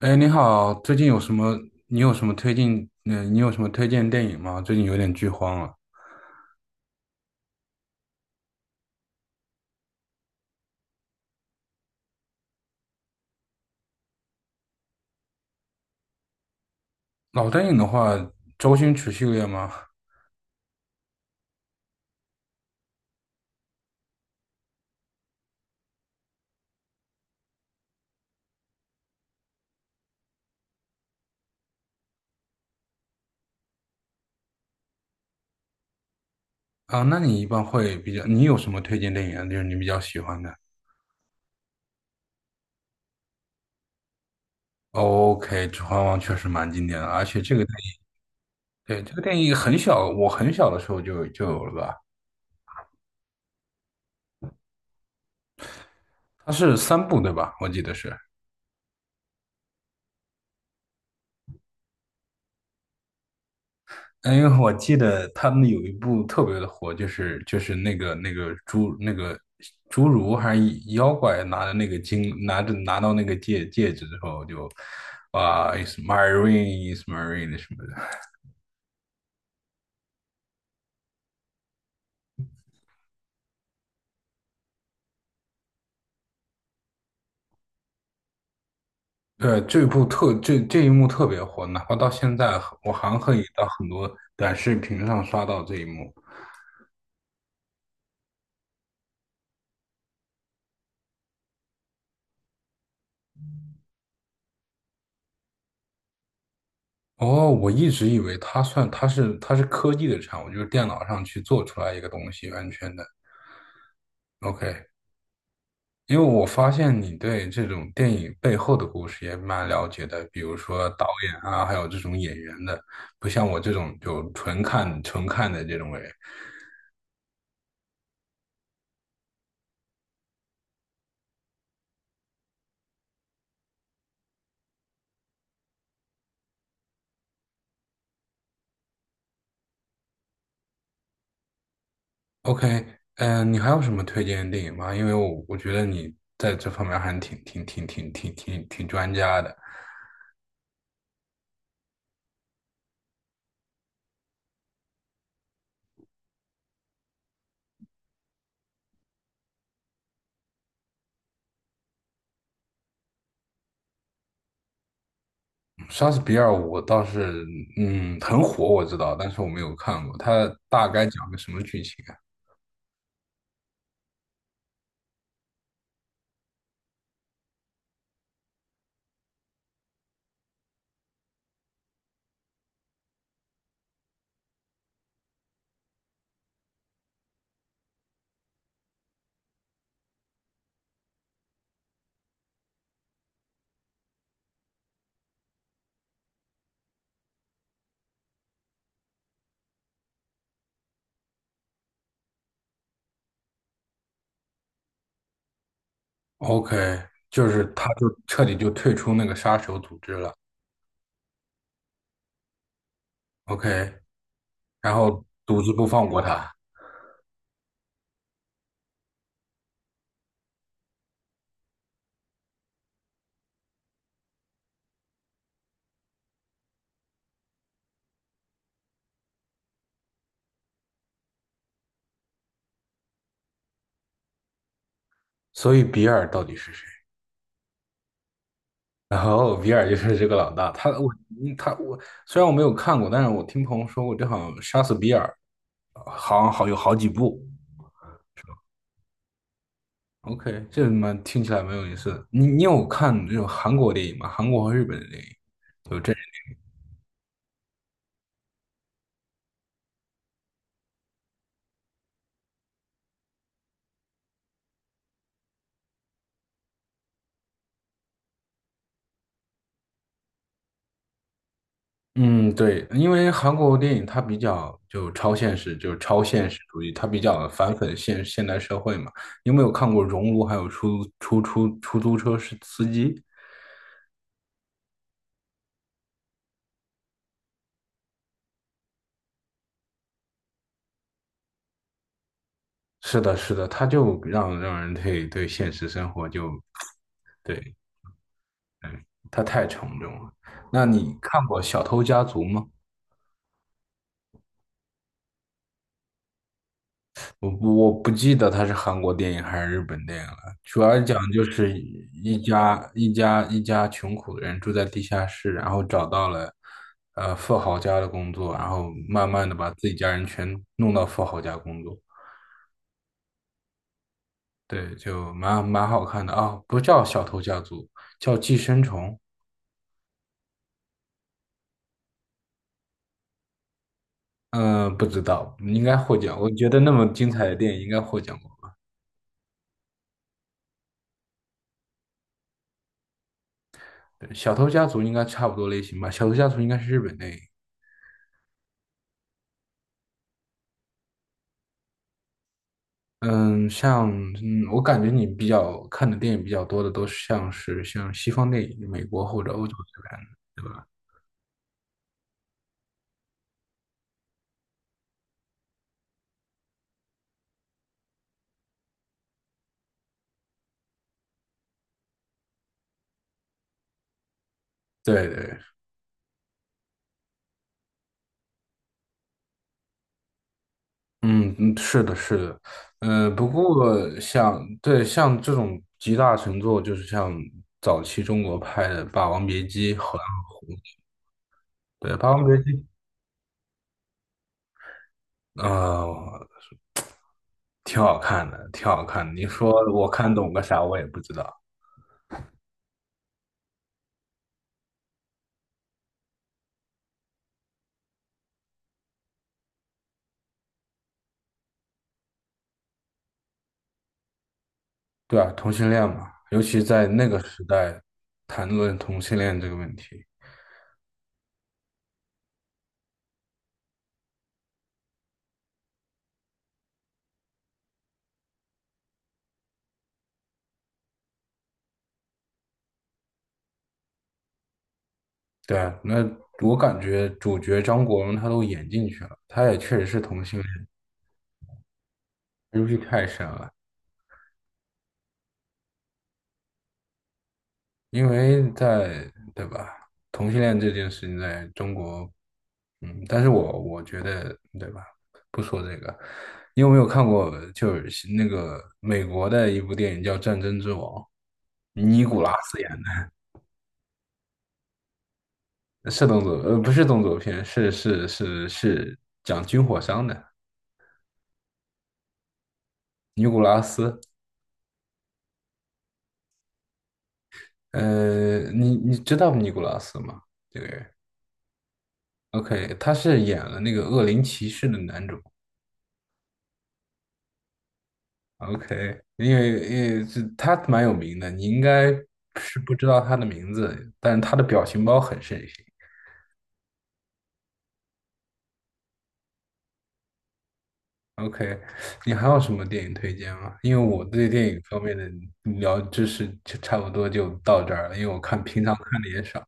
哎，你好，最近有什么？你有什么推荐？你有什么推荐电影吗？最近有点剧荒了。老电影的话，周星驰系列吗？啊，那你一般会比较，你有什么推荐电影啊？就是你比较喜欢的？OK，《指环王》确实蛮经典的，而且这个电影，对，这个电影很小，我很小的时候就有了吧？它是三部对吧？我记得是。哎，因为我记得他们有一部特别的火，就是那个侏儒还是妖怪拿着那个金拿着拿到那个戒指之后就，啊，is t my ring is t my ring 什么的。对，这部这一幕特别火，哪怕到现在我还可以到很多短视频上刷到这一幕。哦，我一直以为它算它是它是科技的产物，就是电脑上去做出来一个东西，完全的。OK。因为我发现你对这种电影背后的故事也蛮了解的，比如说导演啊，还有这种演员的，不像我这种就纯看的这种人。OK，你还有什么推荐的电影吗？因为我觉得你在这方面还挺专家的。莎士比亚我倒是嗯很火，我知道，但是我没有看过。它大概讲个什么剧情啊？OK，就是他就彻底就退出那个杀手组织了。OK。然后独自不放过他。所以比尔到底是谁？然后比尔就是这个老大，他我嗯他我虽然我没有看过，但是我听朋友说过，这好像杀死比尔好像有好几部。OK，这蛮听起来没有意思的，你你有看这种韩国电影吗？韩国和日本的电影？就这嗯，对，因为韩国电影它比较就超现实，就是超现实主义，它比较反讽现代社会嘛。你有没有看过《熔炉》还有出租车是司机？是的，是的，他就让人对现实生活就对他太沉重了。那你看过《小偷家族》吗？我不记得他是韩国电影还是日本电影了。主要讲就是一家穷苦的人住在地下室，然后找到了富豪家的工作，然后慢慢的把自己家人全弄到富豪家工作。对，就蛮好看的啊，不叫《小偷家族》，叫《寄生虫》。嗯，不知道，应该获奖。我觉得那么精彩的电影应该获奖过。对小偷家族应该差不多类型吧，小偷家族应该是日本电影。嗯，像嗯，我感觉你比较看的电影比较多的都是像西方电影，美国或者欧洲这边的，对吧？对对，嗯嗯，是的，是的。嗯，不过像这种集大成作，就是像早期中国拍的《霸王别姬》和对《霸王别姬》啊、呃挺好看的，挺好看的。你说我看懂个啥？我也不知道。对啊，同性恋嘛，尤其在那个时代，谈论同性恋这个问题，对啊。那我感觉主角张国荣他都演进去了，他也确实是同性恋，他戏太深了。因为在，对吧？同性恋这件事情在中国，嗯，但是我觉得，对吧？不说这个，你有没有看过就是那个美国的一部电影叫《战争之王》，尼古拉斯演的，是动作，不是动作片，是讲军火商的。尼古拉斯，你你知道尼古拉斯吗？这个人，OK，他是演了那个《恶灵骑士》的男主。OK，因为这他蛮有名的，你应该是不知道他的名字，但是他的表情包很盛行。OK，你还有什么电影推荐吗？因为我对电影方面的聊知识就差不多就到这儿了，因为我看平常看的也少。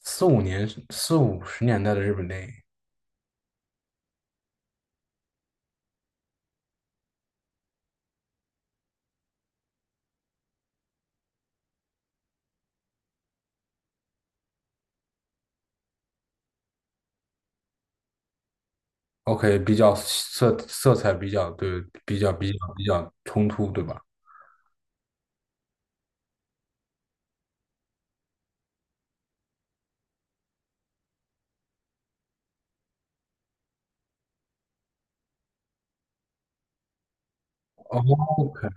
四五年四五十年代的日本电影，OK，比较色彩比较对，比较冲突，对吧哦？OK，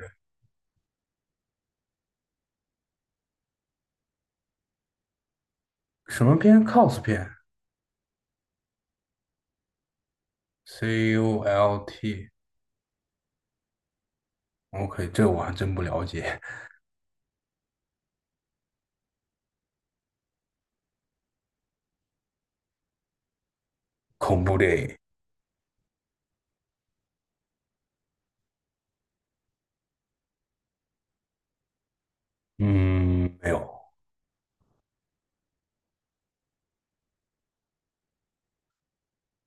什么片？cos 片，CULT。OK，这我还真不了解。恐怖电影，嗯，没有。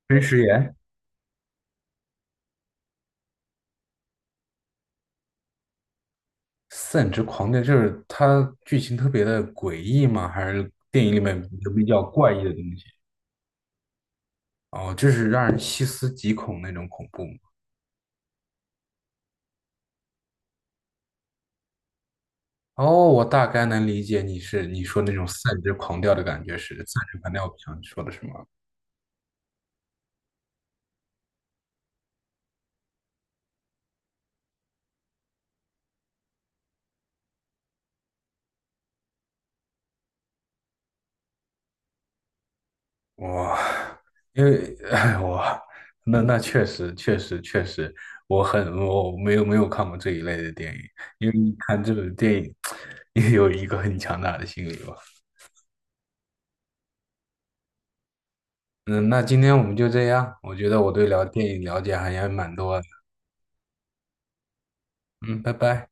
真实言，散之狂癫就是它剧情特别的诡异吗？还是电影里面比较怪异的东西？哦，就是让人细思极恐那种恐怖吗？哦，我大概能理解你是你说那种散之狂掉的感觉是散之狂掉，我想说的是吗？我因为那那确实确实，我没有没有看过这一类的电影，因为你看这种电影 也有一个很强大的心理吧。嗯，那今天我们就这样，我觉得我对聊电影了解还也蛮多的。嗯，拜拜。